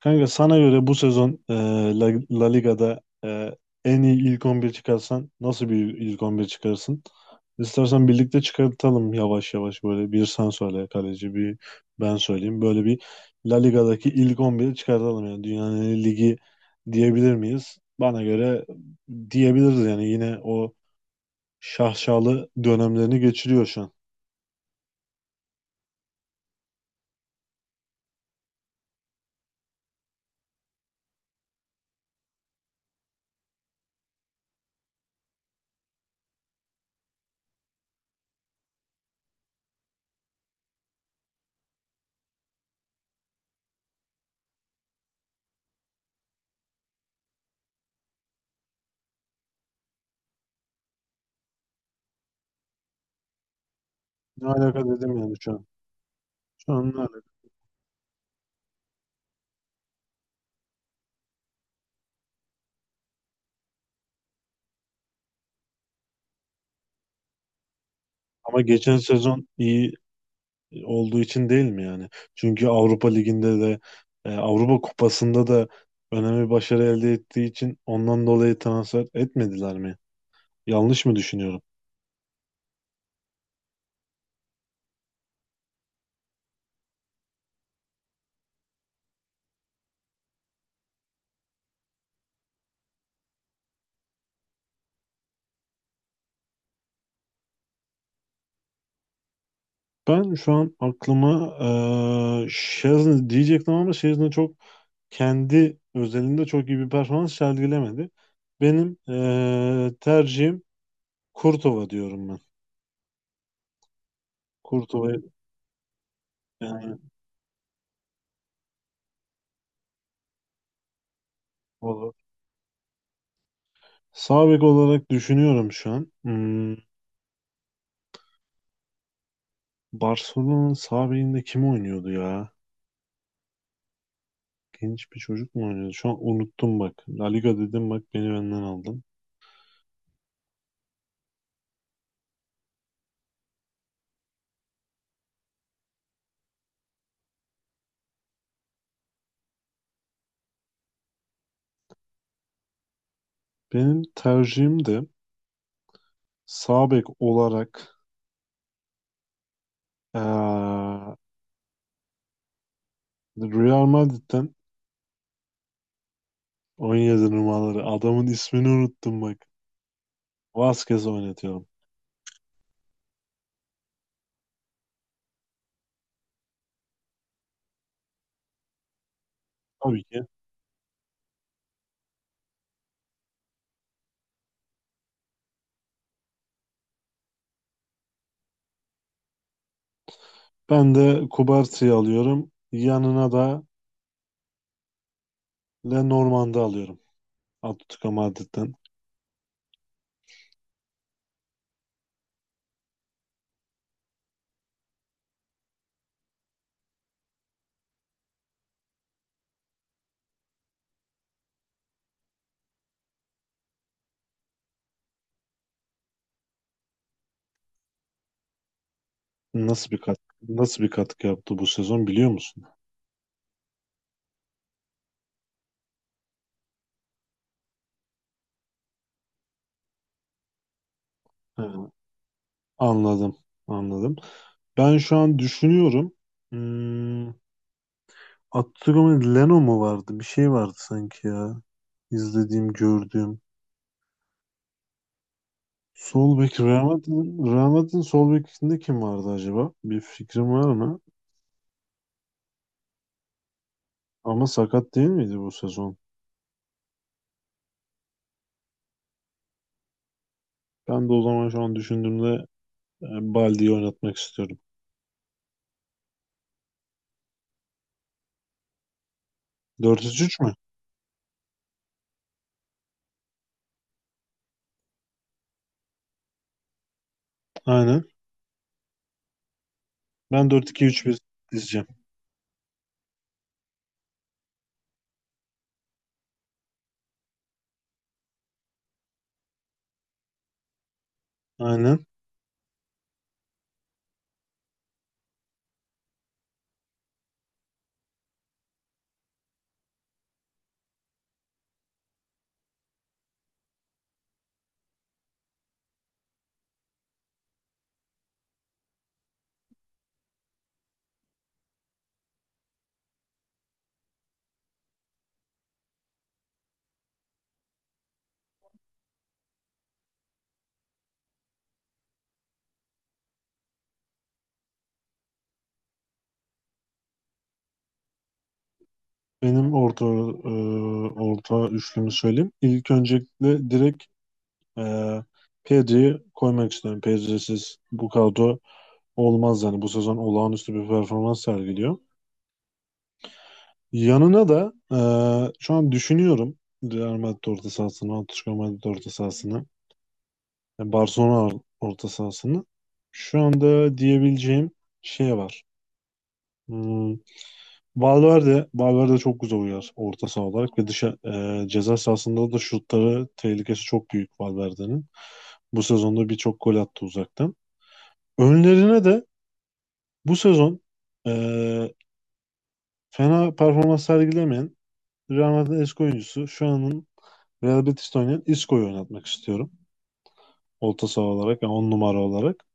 Kanka sana göre bu sezon La Liga'da en iyi ilk 11 çıkarsan nasıl bir ilk 11 çıkarırsın? İstersen birlikte çıkartalım yavaş yavaş, böyle bir sen söyle kaleci, bir ben söyleyeyim. Böyle bir La Liga'daki ilk 11'i çıkartalım. Yani dünyanın en iyi ligi diyebilir miyiz? Bana göre diyebiliriz yani, yine o şaşalı dönemlerini geçiriyor şu an. Ne alaka dedim yani şu an. Şu an ne alaka? Ama geçen sezon iyi olduğu için değil mi yani? Çünkü Avrupa Ligi'nde de Avrupa Kupası'nda da önemli başarı elde ettiği için ondan dolayı transfer etmediler mi? Yanlış mı düşünüyorum? Ben şu an aklıma Szczesny diyecektim, ama Szczesny çok kendi özelinde çok iyi bir performans sergilemedi. Benim tercihim Kurtova, diyorum ben. Kurtova yani, olur. Sağ bek olarak düşünüyorum şu an. Barcelona'nın sağ bekinde kim oynuyordu ya? Genç bir çocuk mu oynuyordu? Şu an unuttum bak. La Liga dedim, bak beni benden aldın. Benim tercihim de sağ bek olarak eee, Real Madrid'den 17 numaraları adamın ismini unuttum bak. Vasquez oynatıyorum. Tabii ki. Ben de Kubarti'yi alıyorum. Yanına da Lenormand'ı alıyorum. Atletico Madrid'den. Nasıl bir katkı, nasıl bir katkı yaptı bu sezon, biliyor musun? Ha, anladım. Anladım. Ben şu an düşünüyorum. Hmm, Abdülhamid Leno mu vardı? Bir şey vardı sanki ya. İzlediğim, gördüğüm. Sol bek Real Madrid'in sol bekinde kim vardı acaba? Bir fikrim var mı? Ama sakat değil miydi bu sezon? Ben de o zaman şu an düşündüğümde e, Baldi'yi oynatmak istiyorum. 4-3-3 mü? Aynen. Ben 4-2-3-1 dizeceğim. Aynen. Benim orta orta üçlümü söyleyeyim. İlk öncelikle direkt Ee, Pedri'yi koymak istiyorum. Pedri'siz bu kadro olmaz yani. Bu sezon olağanüstü bir performans sergiliyor. Yanına da şu an düşünüyorum Real Madrid orta sahasını, Atletico Madrid orta sahasını, yani Barcelona orta sahasını. Şu anda diyebileceğim şey var. Hmm, Valverde çok güzel uyar orta saha olarak ve dışa ceza sahasında da şutları tehlikesi çok büyük Valverde'nin. Bu sezonda birçok gol attı uzaktan. Önlerine de bu sezon eee, fena performans sergilemeyen Real Madrid'in eski oyuncusu, şu anın Real Betis'te oynayan Isco'yu oynatmak istiyorum. Orta saha olarak, yani 10 numara olarak.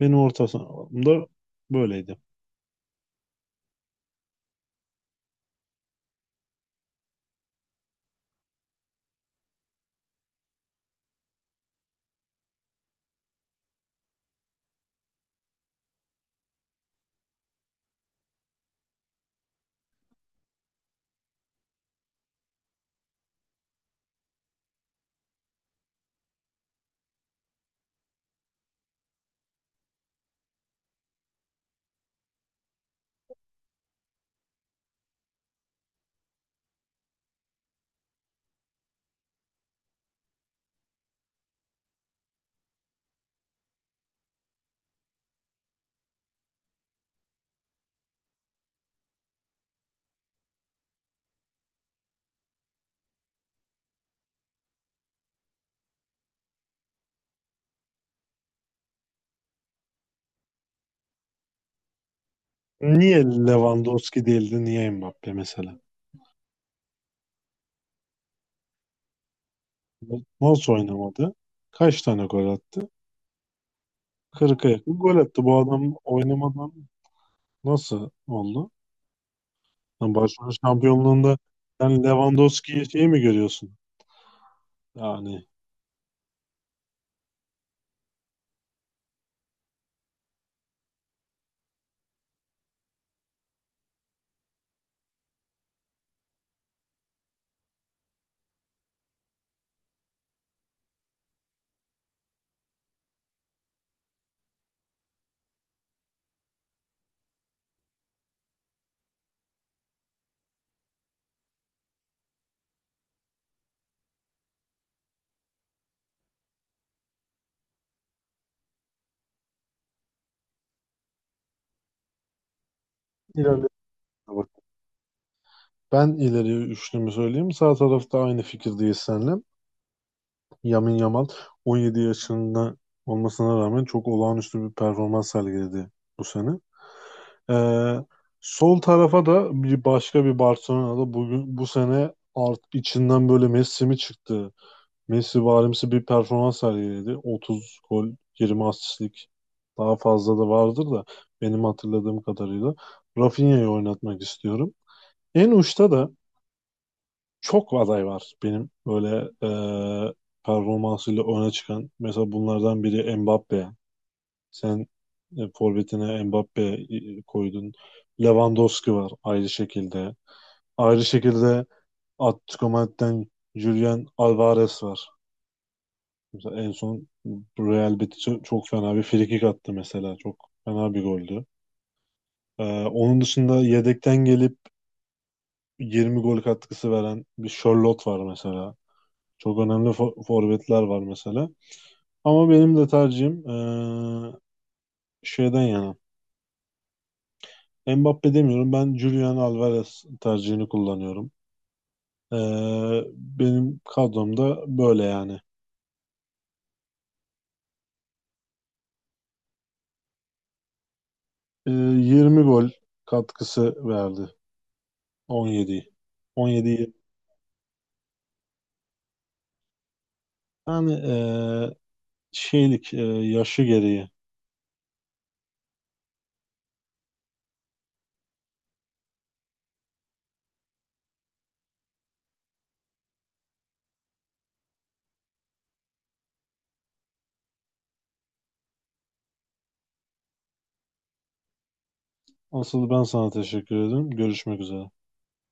Benim orta sahamda böyleydi. Niye Lewandowski değildi? Niye Mbappe mesela? Nasıl oynamadı? Kaç tane gol attı? 40'a yakın gol attı. Bu adam oynamadan nasıl oldu? Yani Barcelona şampiyonluğunda sen Lewandowski'yi şey mi görüyorsun? Yani ilerle. Ben ileri üçlümü söyleyeyim. Sağ tarafta aynı fikirdeyiz seninle. Yamin Yamal 17 yaşında olmasına rağmen çok olağanüstü bir performans sergiledi bu sene. Ee, sol tarafa da bir başka bir Barcelona'da bugün bu sene art içinden böyle Messi mi çıktı? Messi varimsi bir performans sergiledi. 30 gol, 20 asistlik, daha fazla da vardır da, benim hatırladığım kadarıyla Rafinha'yı oynatmak istiyorum. En uçta da çok aday var benim, böyle e, performansıyla öne çıkan. Mesela bunlardan biri Mbappe. Sen forvetine Mbappe koydun. Lewandowski var ayrı şekilde. Ayrı şekilde Atletico Madrid'den Julian Alvarez var. Mesela en son Real Betis'e çok fena bir frikik attı mesela. Çok fena bir goldü. E, onun dışında yedekten gelip 20 gol katkısı veren bir Charlotte var mesela. Çok önemli forvetler var mesela. Ama benim de tercihim şeyden yana. Mbappe demiyorum. Ben Julian Alvarez tercihini kullanıyorum. Benim kadromda böyle yani. 20 gol katkısı verdi. 17. 17. Yani şeylik yaşı gereği. Asıl ben sana teşekkür ederim. Görüşmek üzere.